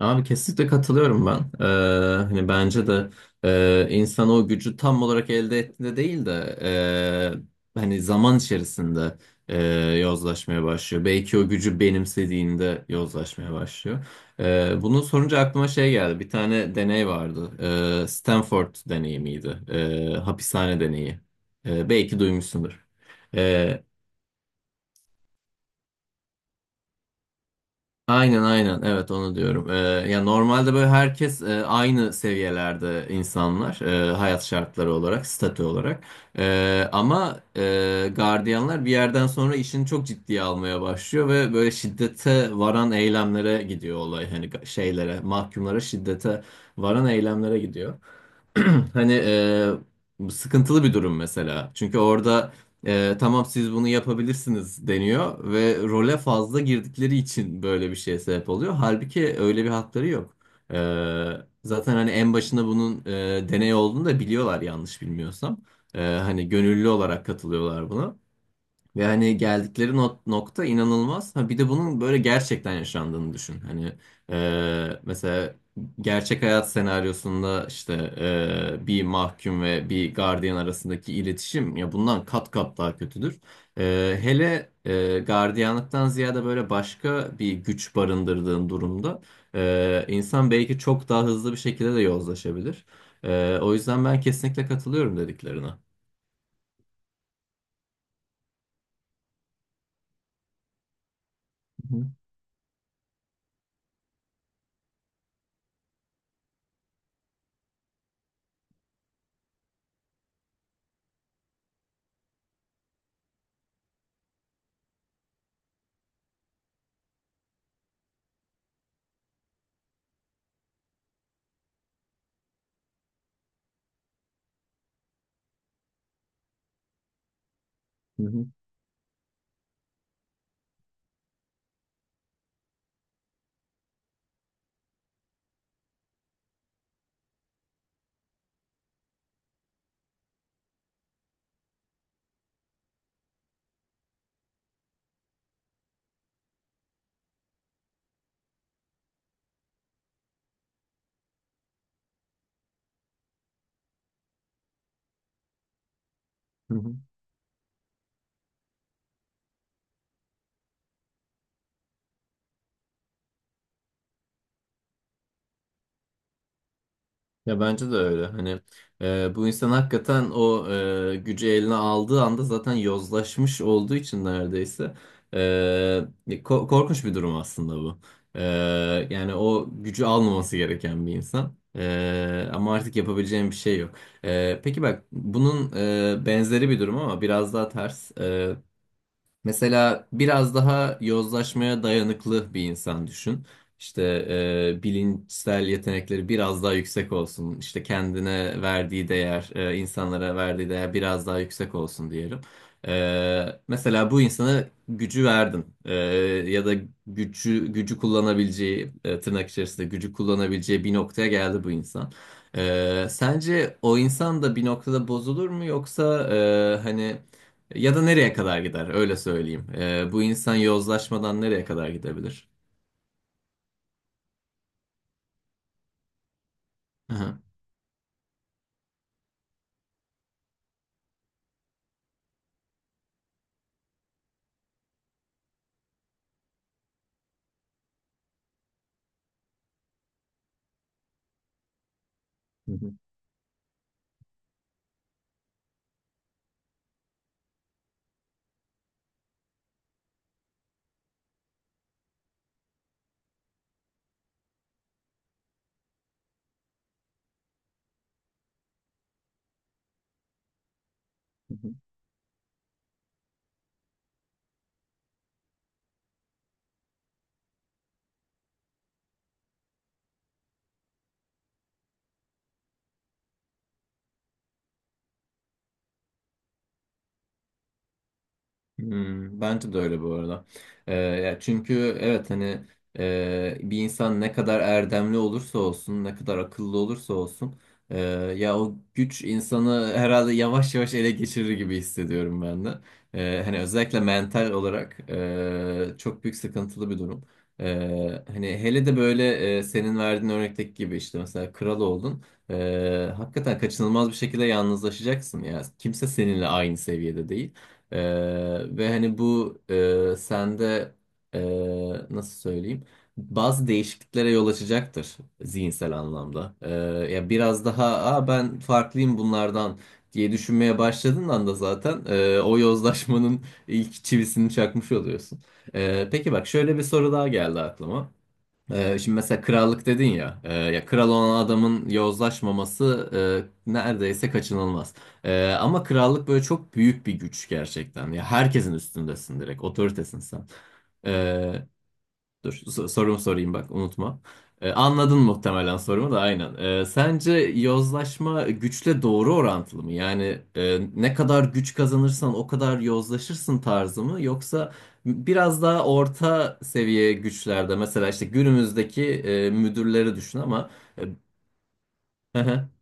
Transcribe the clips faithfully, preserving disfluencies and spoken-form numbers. Abi kesinlikle katılıyorum ben. Ee, hani bence de e, insan o gücü tam olarak elde ettiğinde değil de e, hani zaman içerisinde e, yozlaşmaya başlıyor. Belki o gücü benimsediğinde yozlaşmaya başlıyor. E, bunu sorunca aklıma şey geldi. Bir tane deney vardı. E, Stanford deneyi miydi? E, hapishane deneyi. E, belki duymuşsundur. Ee, Aynen, aynen, evet, onu diyorum. Ee, ya normalde böyle herkes e, aynı seviyelerde insanlar, e, hayat şartları olarak, statü olarak. Ee, ama e, gardiyanlar bir yerden sonra işini çok ciddiye almaya başlıyor ve böyle şiddete varan eylemlere gidiyor olay. Hani ga- şeylere, mahkumlara şiddete varan eylemlere gidiyor. Hani e, bu sıkıntılı bir durum mesela. Çünkü orada e, tamam siz bunu yapabilirsiniz deniyor ve role fazla girdikleri için böyle bir şeye sebep oluyor. Halbuki öyle bir hakları yok. E, Zaten hani en başında bunun e, deney olduğunu da biliyorlar yanlış bilmiyorsam. E, hani gönüllü olarak katılıyorlar buna. Yani geldikleri not, nokta inanılmaz. Ha, bir de bunun böyle gerçekten yaşandığını düşün. Hani e, mesela gerçek hayat senaryosunda işte e, bir mahkum ve bir gardiyan arasındaki iletişim ya bundan kat kat daha kötüdür. E, hele e, gardiyanlıktan ziyade böyle başka bir güç barındırdığın durumda e, insan belki çok daha hızlı bir şekilde de yozlaşabilir. E, o yüzden ben kesinlikle katılıyorum dediklerine. Hı hı, hı hı, hı hı. Ya bence de öyle. Hani e, bu insan hakikaten o e, gücü eline aldığı anda zaten yozlaşmış olduğu için neredeyse e, ko- korkunç bir durum aslında bu. E, Yani o gücü almaması gereken bir insan. E, ama artık yapabileceğim bir şey yok. E, peki bak bunun e, benzeri bir durum ama biraz daha ters. Mesela biraz daha yozlaşmaya dayanıklı bir insan düşün. İşte e, bilinçsel yetenekleri biraz daha yüksek olsun. İşte kendine verdiği değer, e, insanlara verdiği değer biraz daha yüksek olsun diyelim. E, mesela bu insana gücü verdin. E, ya da gücü gücü kullanabileceği, e, tırnak içerisinde gücü kullanabileceği bir noktaya geldi bu insan. E, sence o insan da bir noktada bozulur mu, yoksa e, hani ya da nereye kadar gider? Öyle söyleyeyim. Ee, bu insan yozlaşmadan nereye kadar gidebilir? Aha. Hı hı. Hmm, bence de öyle bu arada. Ee, ya çünkü evet, hani e, bir insan ne kadar erdemli olursa olsun, ne kadar akıllı olursa olsun, e, ya o güç insanı herhalde yavaş yavaş ele geçirir gibi hissediyorum ben de. E, hani özellikle mental olarak e, çok büyük sıkıntılı bir durum. E, hani hele de böyle e, senin verdiğin örnekteki gibi işte mesela kral oldun. E, hakikaten kaçınılmaz bir şekilde yalnızlaşacaksın ya. Kimse seninle aynı seviyede değil. Ee, ve hani bu e, sende e, nasıl söyleyeyim, bazı değişikliklere yol açacaktır zihinsel anlamda. Ee, ya biraz daha, "Aa, ben farklıyım bunlardan" diye düşünmeye başladığın anda zaten e, o yozlaşmanın ilk çivisini çakmış oluyorsun. Ee, peki bak şöyle bir soru daha geldi aklıma. Ee, şimdi mesela krallık dedin ya, e, ya kral olan adamın yozlaşmaması e, neredeyse kaçınılmaz. E, ama krallık böyle çok büyük bir güç gerçekten. Ya herkesin üstündesin direkt, otoritesin sen. E, Dur, so- sorumu sorayım bak, unutma. Ee, anladın muhtemelen sorumu da aynen. Ee, sence yozlaşma güçle doğru orantılı mı? Yani e, ne kadar güç kazanırsan o kadar yozlaşırsın tarzı mı? Yoksa biraz daha orta seviye güçlerde mesela işte günümüzdeki e, müdürleri düşün ama... e,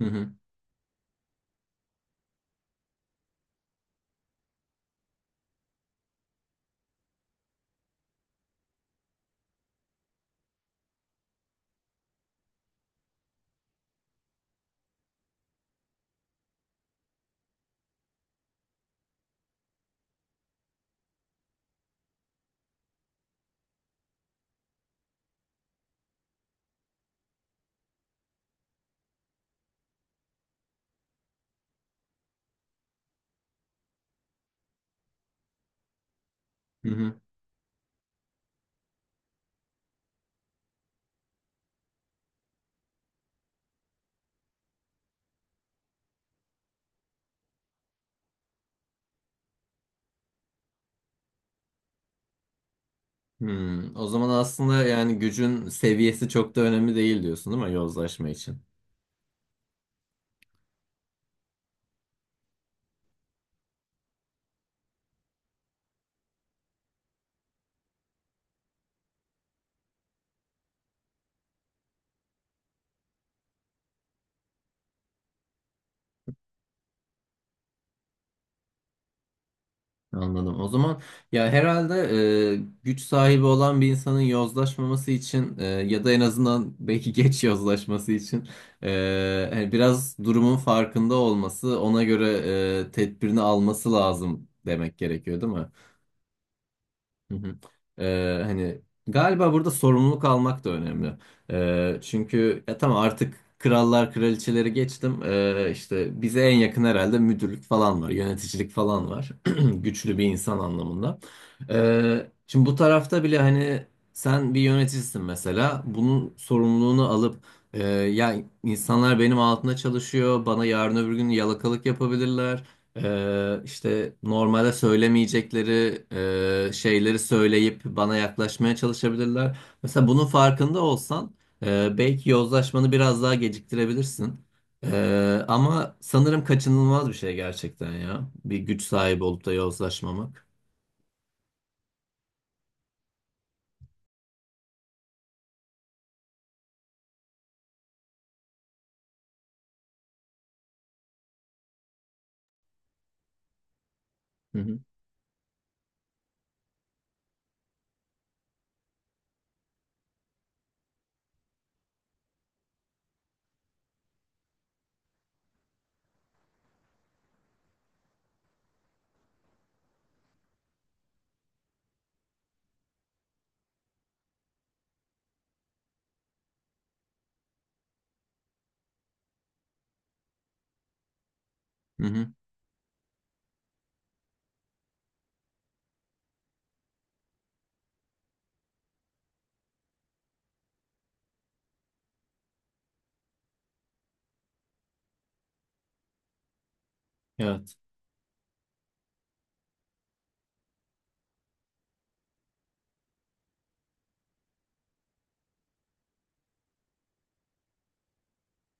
Hı hı, hı hı, hı hı, hı. O zaman aslında yani gücün seviyesi çok da önemli değil diyorsun, değil mi yozlaşma için? Anladım. O zaman ya herhalde e, güç sahibi olan bir insanın yozlaşmaması için e, ya da en azından belki geç yozlaşması için e, hani biraz durumun farkında olması, ona göre e, tedbirini alması lazım demek gerekiyor, değil mi? Hı hı. Ee, hani galiba burada sorumluluk almak da önemli. Ee, çünkü ya tamam, artık krallar kraliçeleri geçtim. Ee, işte bize en yakın herhalde müdürlük falan var, yöneticilik falan var. Güçlü bir insan anlamında. Ee, şimdi bu tarafta bile hani sen bir yöneticisin mesela. Bunun sorumluluğunu alıp e, ya insanlar benim altında çalışıyor, bana yarın öbür gün yalakalık yapabilirler. Ee, işte normalde söylemeyecekleri e, şeyleri söyleyip bana yaklaşmaya çalışabilirler. Mesela bunun farkında olsan e, belki yozlaşmanı biraz daha geciktirebilirsin. Ee, ama sanırım kaçınılmaz bir şey gerçekten ya. Bir güç sahibi olup da yozlaşmamak. Hı hı. Hı hı. Evet.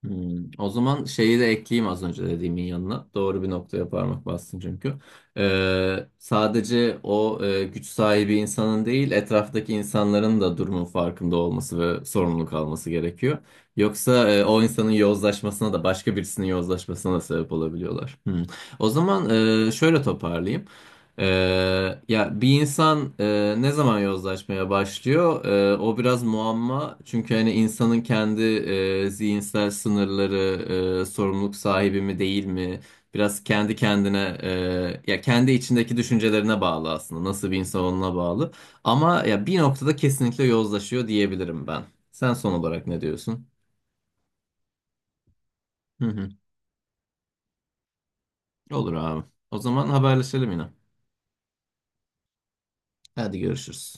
Hmm, o zaman şeyi de ekleyeyim az önce dediğimin yanına. Doğru bir noktaya parmak bastın çünkü. Ee, sadece o e, güç sahibi insanın değil, etraftaki insanların da durumun farkında olması ve sorumluluk alması gerekiyor. Yoksa e, o insanın yozlaşmasına da başka birisinin yozlaşmasına da sebep olabiliyorlar. Hmm. O zaman e, şöyle toparlayayım. Ee, Ya bir insan e, ne zaman yozlaşmaya başlıyor? Ee, o biraz muamma. Çünkü hani insanın kendi e, zihinsel sınırları, e, sorumluluk sahibi mi değil mi? Biraz kendi kendine, e, ya kendi içindeki düşüncelerine bağlı aslında. Nasıl bir insan olduğuna bağlı. Ama ya bir noktada kesinlikle yozlaşıyor diyebilirim ben. Sen son olarak ne diyorsun? Hı hı. Olur abi. O zaman haberleşelim yine. Hadi, görüşürüz.